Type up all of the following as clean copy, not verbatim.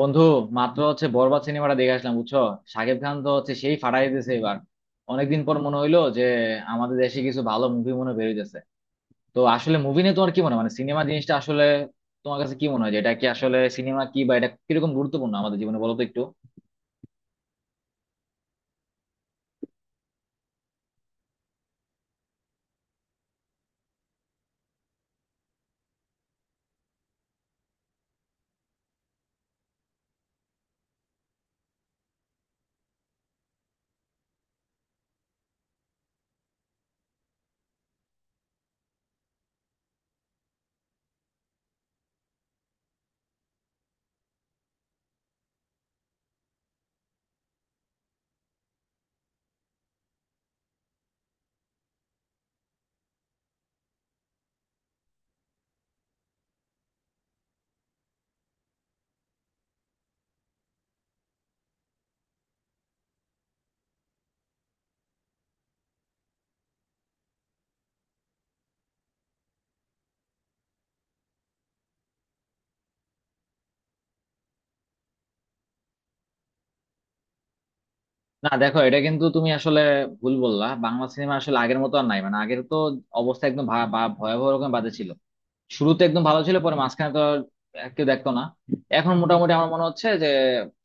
বন্ধু, মাত্র হচ্ছে বরবাদ সিনেমাটা দেখে আসলাম বুঝছো। শাকিব খান তো হচ্ছে সেই ফাটাই দিতেছে এবার। অনেকদিন পর মনে হইলো যে আমাদের দেশে কিছু ভালো মুভি মনে হয় বেরোইতেছে। তো আসলে মুভি নিয়ে তোমার কি মনে হয়, মানে সিনেমা জিনিসটা আসলে তোমার কাছে কি মনে হয়, যে এটা কি আসলে সিনেমা কি, বা এটা কিরকম গুরুত্বপূর্ণ আমাদের জীবনে, বলো তো একটু। না দেখো, এটা কিন্তু তুমি আসলে ভুল বললা। বাংলা সিনেমা আসলে আগের মতো আর নাই, মানে আগের তো অবস্থা একদম ভা- ভা- ভয়াবহ রকম বাজে ছিল। শুরুতে একদম ভালো ছিল, পরে মাঝখানে তো আর কেউ দেখতো না। এখন মোটামুটি আমার মনে হচ্ছে যে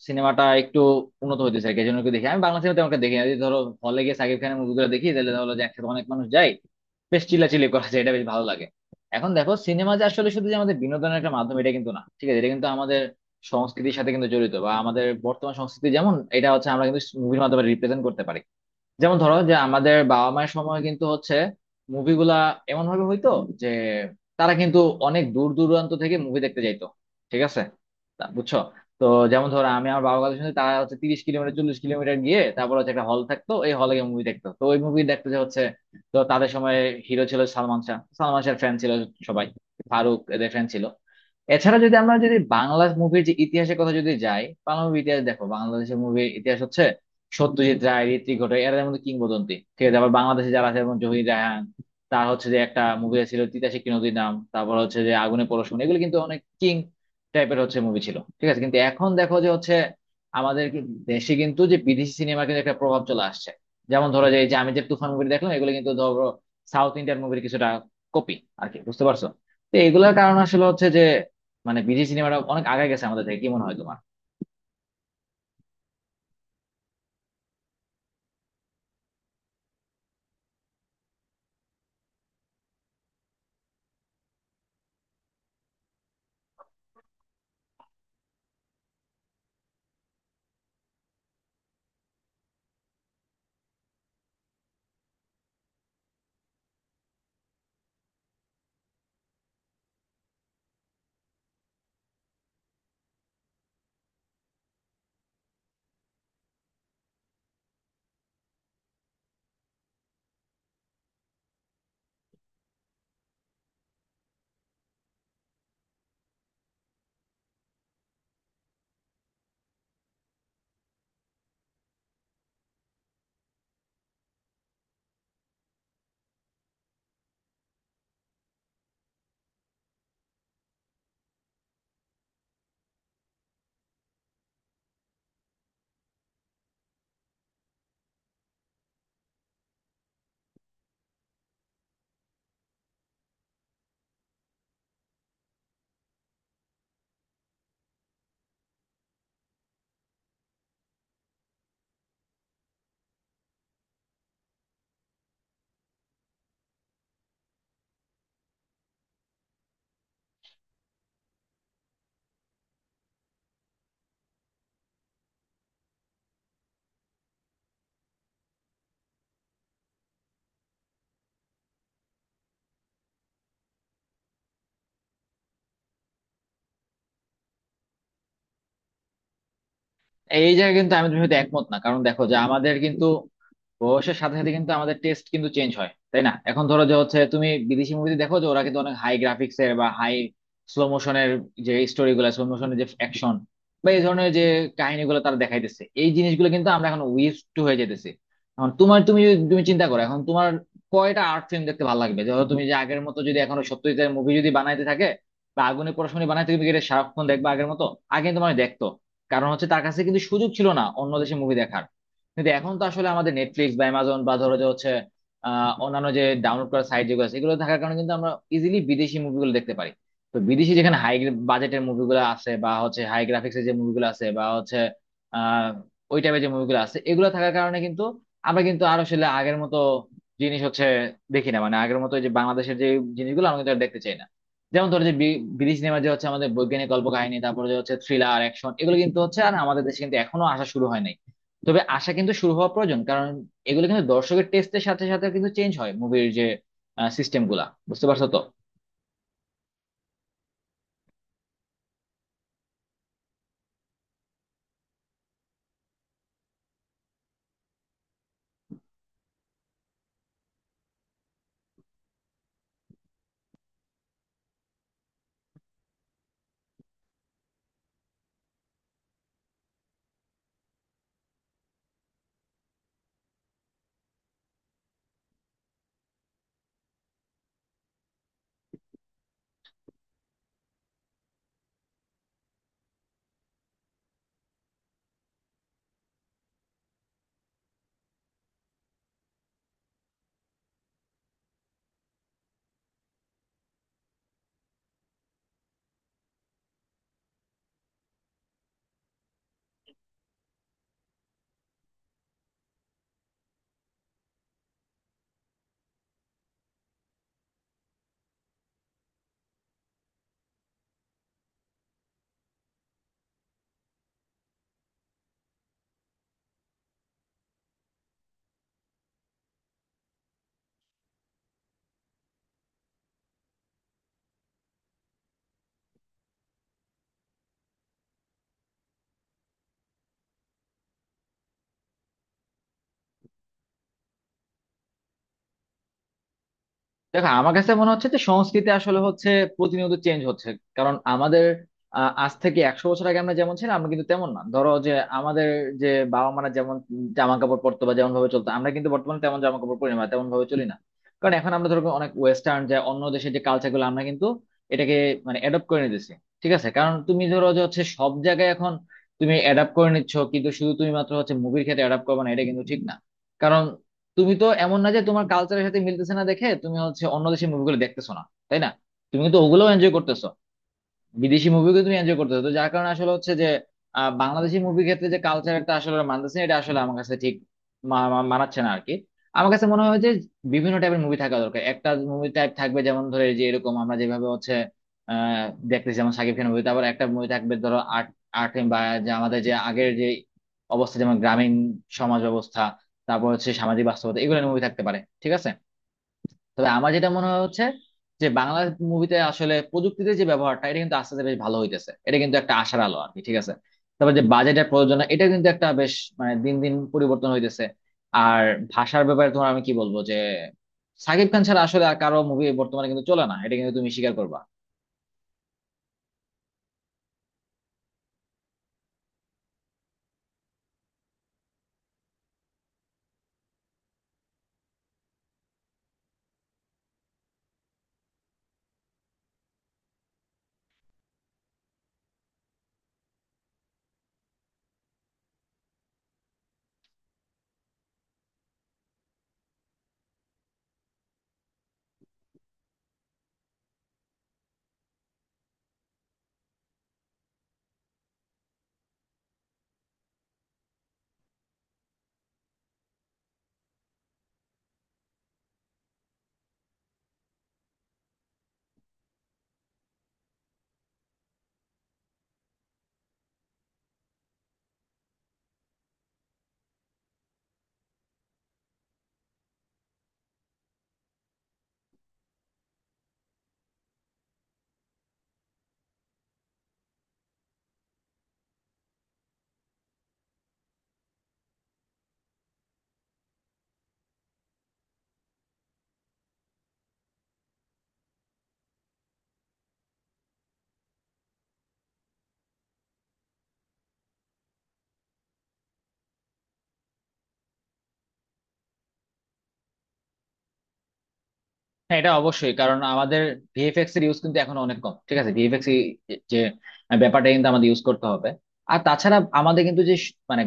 সিনেমাটা একটু উন্নত হইতেছে আর কি, এই জন্য একটু দেখি। আমি বাংলা সিনেমা তেমন একটা দেখি না, যদি ধরো হলে গিয়ে সাকিব খানের মুভিগুলো দেখি তাহলে ধরো যে একসাথে অনেক মানুষ যায়, বেশ চিল্লাচিল্লি করা যায়, এটা বেশ ভালো লাগে। এখন দেখো, সিনেমা যে আসলে শুধু যে আমাদের বিনোদনের একটা মাধ্যম এটা কিন্তু না, ঠিক আছে, এটা কিন্তু আমাদের সংস্কৃতির সাথে কিন্তু জড়িত, বা আমাদের বর্তমান সংস্কৃতি যেমন এটা হচ্ছে আমরা কিন্তু মুভির মাধ্যমে রিপ্রেজেন্ট করতে পারি। যেমন ধরো যে আমাদের বাবা মায়ের সময় কিন্তু হচ্ছে মুভিগুলা এমন ভাবে হইতো যে তারা কিন্তু অনেক দূর দূরান্ত থেকে মুভি দেখতে যাইতো। ঠিক আছে, তা বুঝছো তো। যেমন ধরো আমি আমার বাবার কথা শুনে, তারা হচ্ছে 30 কিলোমিটার 40 কিলোমিটার গিয়ে তারপর হচ্ছে একটা হল থাকতো, এই হলে গিয়ে মুভি দেখতো। তো ওই মুভি দেখতে যে হচ্ছে, তো তাদের সময় হিরো ছিল সালমান শাহ, সালমান শাহের ফ্যান ছিল সবাই, ফারুক এদের ফ্যান ছিল। এছাড়া যদি আমরা যদি বাংলা মুভির যে ইতিহাসের কথা যদি যাই, বাংলা মুভির ইতিহাস দেখো, বাংলাদেশের মুভির ইতিহাস হচ্ছে সত্যজিৎ রায়, ঋত্বিক ঘটক, এরা মধ্যে কিংবদন্তি। ঠিক আছে, আবার বাংলাদেশে যারা আছে যেমন জহির রায়হান, তার হচ্ছে যে একটা মুভি ছিল তিতাসে কি নদীর নাম, তারপর হচ্ছে যে আগুনে পরশমণি, এগুলো কিন্তু অনেক কিং টাইপের হচ্ছে মুভি ছিল। ঠিক আছে, কিন্তু এখন দেখো যে হচ্ছে আমাদের দেশে কিন্তু যে বিদেশি সিনেমার কিন্তু একটা প্রভাব চলে আসছে। যেমন ধরো যে এই যে আমি যে তুফান মুভি দেখলাম, এগুলো কিন্তু ধরো সাউথ ইন্ডিয়ান মুভির কিছুটা কপি আর কি, বুঝতে পারছো? তো এগুলোর কারণে আসলে হচ্ছে যে মানে বিদেশি সিনেমাটা অনেক আগায় গেছে আমাদের থেকে, কি মনে হয় তোমার? এই জায়গায় কিন্তু আমি তুমি হয়তো একমত না, কারণ দেখো যে আমাদের কিন্তু বয়সের সাথে সাথে কিন্তু আমাদের টেস্ট কিন্তু চেঞ্জ হয়, তাই না। এখন ধরো যে হচ্ছে তুমি বিদেশি মুভিতে দেখো যে ওরা কিন্তু অনেক হাই গ্রাফিক্স এর বা হাই স্লো মোশনের যে স্টোরি গুলা, স্লো মোশনের যে অ্যাকশন বা এই ধরনের যে কাহিনীগুলো তারা দেখাইতেছে, এই জিনিসগুলো কিন্তু আমরা এখন উইজ টু হয়ে যেতেছি। এখন তোমার, তুমি তুমি চিন্তা করো এখন তোমার কয়টা আর্ট ফিল্ম দেখতে ভালো লাগবে। ধরো তুমি যে আগের মতো যদি এখন সত্যজিতের মুভি যদি বানাইতে থাকে বা আগুনে পড়াশোনা বানাইতে, তুমি কি এটা সারাক্ষণ দেখবা আগের মতো? আগে কিন্তু মানে দেখতো কারণ হচ্ছে তার কাছে কিন্তু সুযোগ ছিল না অন্য দেশে মুভি দেখার। কিন্তু এখন তো আসলে আমাদের নেটফ্লিক্স বা অ্যামাজন বা ধরো যে হচ্ছে অন্যান্য যে ডাউনলোড করার সাইট যেগুলো আছে, এগুলো থাকার কারণে কিন্তু আমরা ইজিলি বিদেশি মুভিগুলো দেখতে পারি। তো বিদেশি যেখানে হাই বাজেটের মুভিগুলো আছে বা হচ্ছে হাই গ্রাফিক্সের যে মুভিগুলো আছে বা হচ্ছে আহ ওই টাইপের যে মুভিগুলো আছে, এগুলো থাকার কারণে কিন্তু আমরা কিন্তু আর আসলে আগের মতো জিনিস হচ্ছে দেখি না, মানে আগের মতো যে বাংলাদেশের যে জিনিসগুলো আমরা কিন্তু আর দেখতে চাই না। যেমন ধরো যে বিদেশি সিনেমা যে হচ্ছে আমাদের বৈজ্ঞানিক কল্পকাহিনী, তারপরে যে হচ্ছে থ্রিলার অ্যাকশন, এগুলো কিন্তু হচ্ছে আর আমাদের দেশে কিন্তু এখনো আসা শুরু হয়নি। তবে আশা কিন্তু শুরু হওয়া প্রয়োজন, কারণ এগুলো কিন্তু দর্শকের টেস্টের সাথে সাথে কিন্তু চেঞ্জ হয় মুভির যে সিস্টেম গুলা, বুঝতে পারছো তো। দেখো, আমার কাছে মনে হচ্ছে যে সংস্কৃতি আসলে হচ্ছে প্রতিনিয়ত চেঞ্জ হচ্ছে, কারণ আমাদের আজ থেকে 100 বছর আগে আমরা যেমন ছিলাম আমরা কিন্তু তেমন না। ধরো যে আমাদের যে বাবা মারা যেমন জামা কাপড় পরতো বা যেমন ভাবে চলতো, আমরা কিন্তু বর্তমানে তেমন জামা কাপড় পরি না বা তেমন ভাবে চলি না, কারণ এখন আমরা ধরো অনেক ওয়েস্টার্ন যে অন্য দেশের যে কালচার গুলো আমরা কিন্তু এটাকে মানে অ্যাডপ্ট করে নিতেছি। ঠিক আছে, কারণ তুমি ধরো যে হচ্ছে সব জায়গায় এখন তুমি অ্যাডাপ্ট করে নিচ্ছ, কিন্তু শুধু তুমি মাত্র হচ্ছে মুভির ক্ষেত্রে অ্যাডাপ্ট করবে না, এটা কিন্তু ঠিক না। কারণ তুমি তো এমন না যে তোমার কালচারের সাথে মিলতেছে না দেখে তুমি হচ্ছে অন্য দেশের মুভিগুলো দেখতেছো না, তাই না? তুমি কিন্তু ওগুলোও এনজয় করতেছো, বিদেশি মুভিকে তুমি এনজয় করতেছো। তো যার কারণে আসলে হচ্ছে যে বাংলাদেশি মুভির ক্ষেত্রে যে কালচার একটা আসলে মানতেছে না, এটা আসলে আমার কাছে ঠিক মা- মা- মানাচ্ছে না আরকি। আমার কাছে মনে হয় যে বিভিন্ন টাইপের মুভি থাকা দরকার। একটা মুভি টাইপ থাকবে যেমন ধরে যে এরকম আমরা যেভাবে হচ্ছে আহ দেখতেছি, যেমন শাকিব খানের মুভি। তারপর একটা মুভি থাকবে ধরো আর্ট, আর্ট বা যে আমাদের যে আগের যে অবস্থা যেমন গ্রামীণ সমাজ ব্যবস্থা, তারপর হচ্ছে সামাজিক বাস্তবতা, এগুলো মুভি থাকতে পারে। ঠিক আছে, তবে আমার যেটা মনে হয় হচ্ছে যে বাংলা মুভিতে আসলে প্রযুক্তিতে যে ব্যবহারটা, এটা কিন্তু আস্তে আস্তে বেশ ভালো হইতেছে, এটা কিন্তু একটা আশার আলো আর কি। ঠিক আছে, তারপর যে বাজেটের প্রযোজনা এটা কিন্তু একটা বেশ মানে দিন দিন পরিবর্তন হইতেছে। আর ভাষার ব্যাপারে তোমার আমি কি বলবো যে সাকিব খান ছাড়া আসলে আর কারো মুভি বর্তমানে কিন্তু চলে না, এটা কিন্তু তুমি স্বীকার করবা। হ্যাঁ, এটা অবশ্যই, কারণ আমাদের ভিএফএক্স এর ইউজ কিন্তু এখন অনেক কম। ঠিক আছে, ভিএফএক্স যে ব্যাপারটা কিন্তু আমাদের ইউজ করতে হবে। আর তাছাড়া আমাদের কিন্তু যে মানে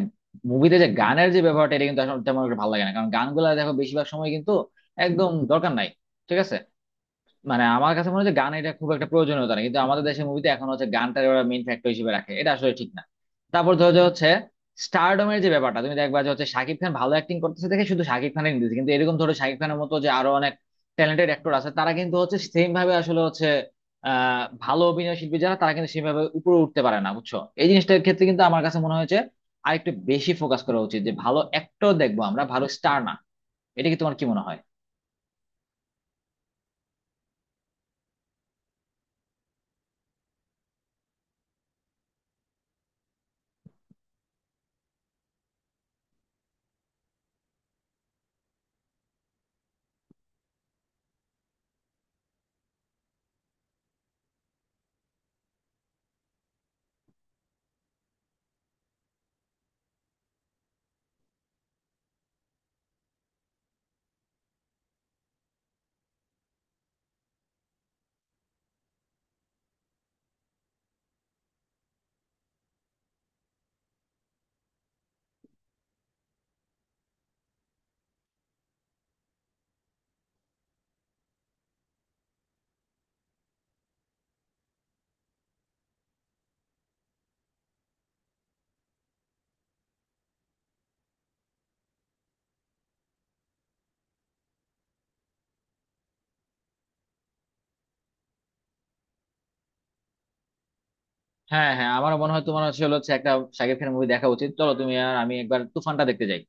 মুভিতে যে গানের যে ব্যাপারটা এটা কিন্তু আসলে তেমন একটা ভালো লাগে না, কারণ গানগুলা দেখো বেশিরভাগ সময় কিন্তু একদম দরকার নাই। ঠিক আছে, মানে আমার কাছে মনে হচ্ছে গান এটা খুব একটা প্রয়োজনীয়তা না, কিন্তু আমাদের দেশের মুভিতে এখন হচ্ছে গানটার ওরা মেইন ফ্যাক্টর হিসেবে রাখে, এটা আসলে ঠিক না। তারপর ধরো যে হচ্ছে স্টারডমের যে ব্যাপারটা, তুমি দেখবা যে হচ্ছে শাকিব খান ভালো অ্যাক্টিং করতেছে দেখে শুধু শাকিব খানের নিতেছে, কিন্তু এরকম ধরো শাকিব খানের মতো যে আরো অনেক ট্যালেন্টেড অ্যাক্টর আছে, তারা কিন্তু হচ্ছে সেম ভাবে আসলে হচ্ছে ভালো অভিনয় শিল্পী যারা, তারা কিন্তু সেভাবে উপরে উঠতে পারে না, বুঝছো। এই জিনিসটার ক্ষেত্রে কিন্তু আমার কাছে মনে হয়েছে আরেকটু বেশি ফোকাস করা উচিত, যে ভালো অ্যাক্টর দেখবো আমরা, ভালো স্টার না। এটা কি, তোমার কি মনে হয়? হ্যাঁ হ্যাঁ, আমারও মনে হয় তোমার আসলে হচ্ছে একটা শাকিব খানের মুভি দেখা উচিত। চলো তুমি আর আমি একবার তুফানটা দেখতে যাই।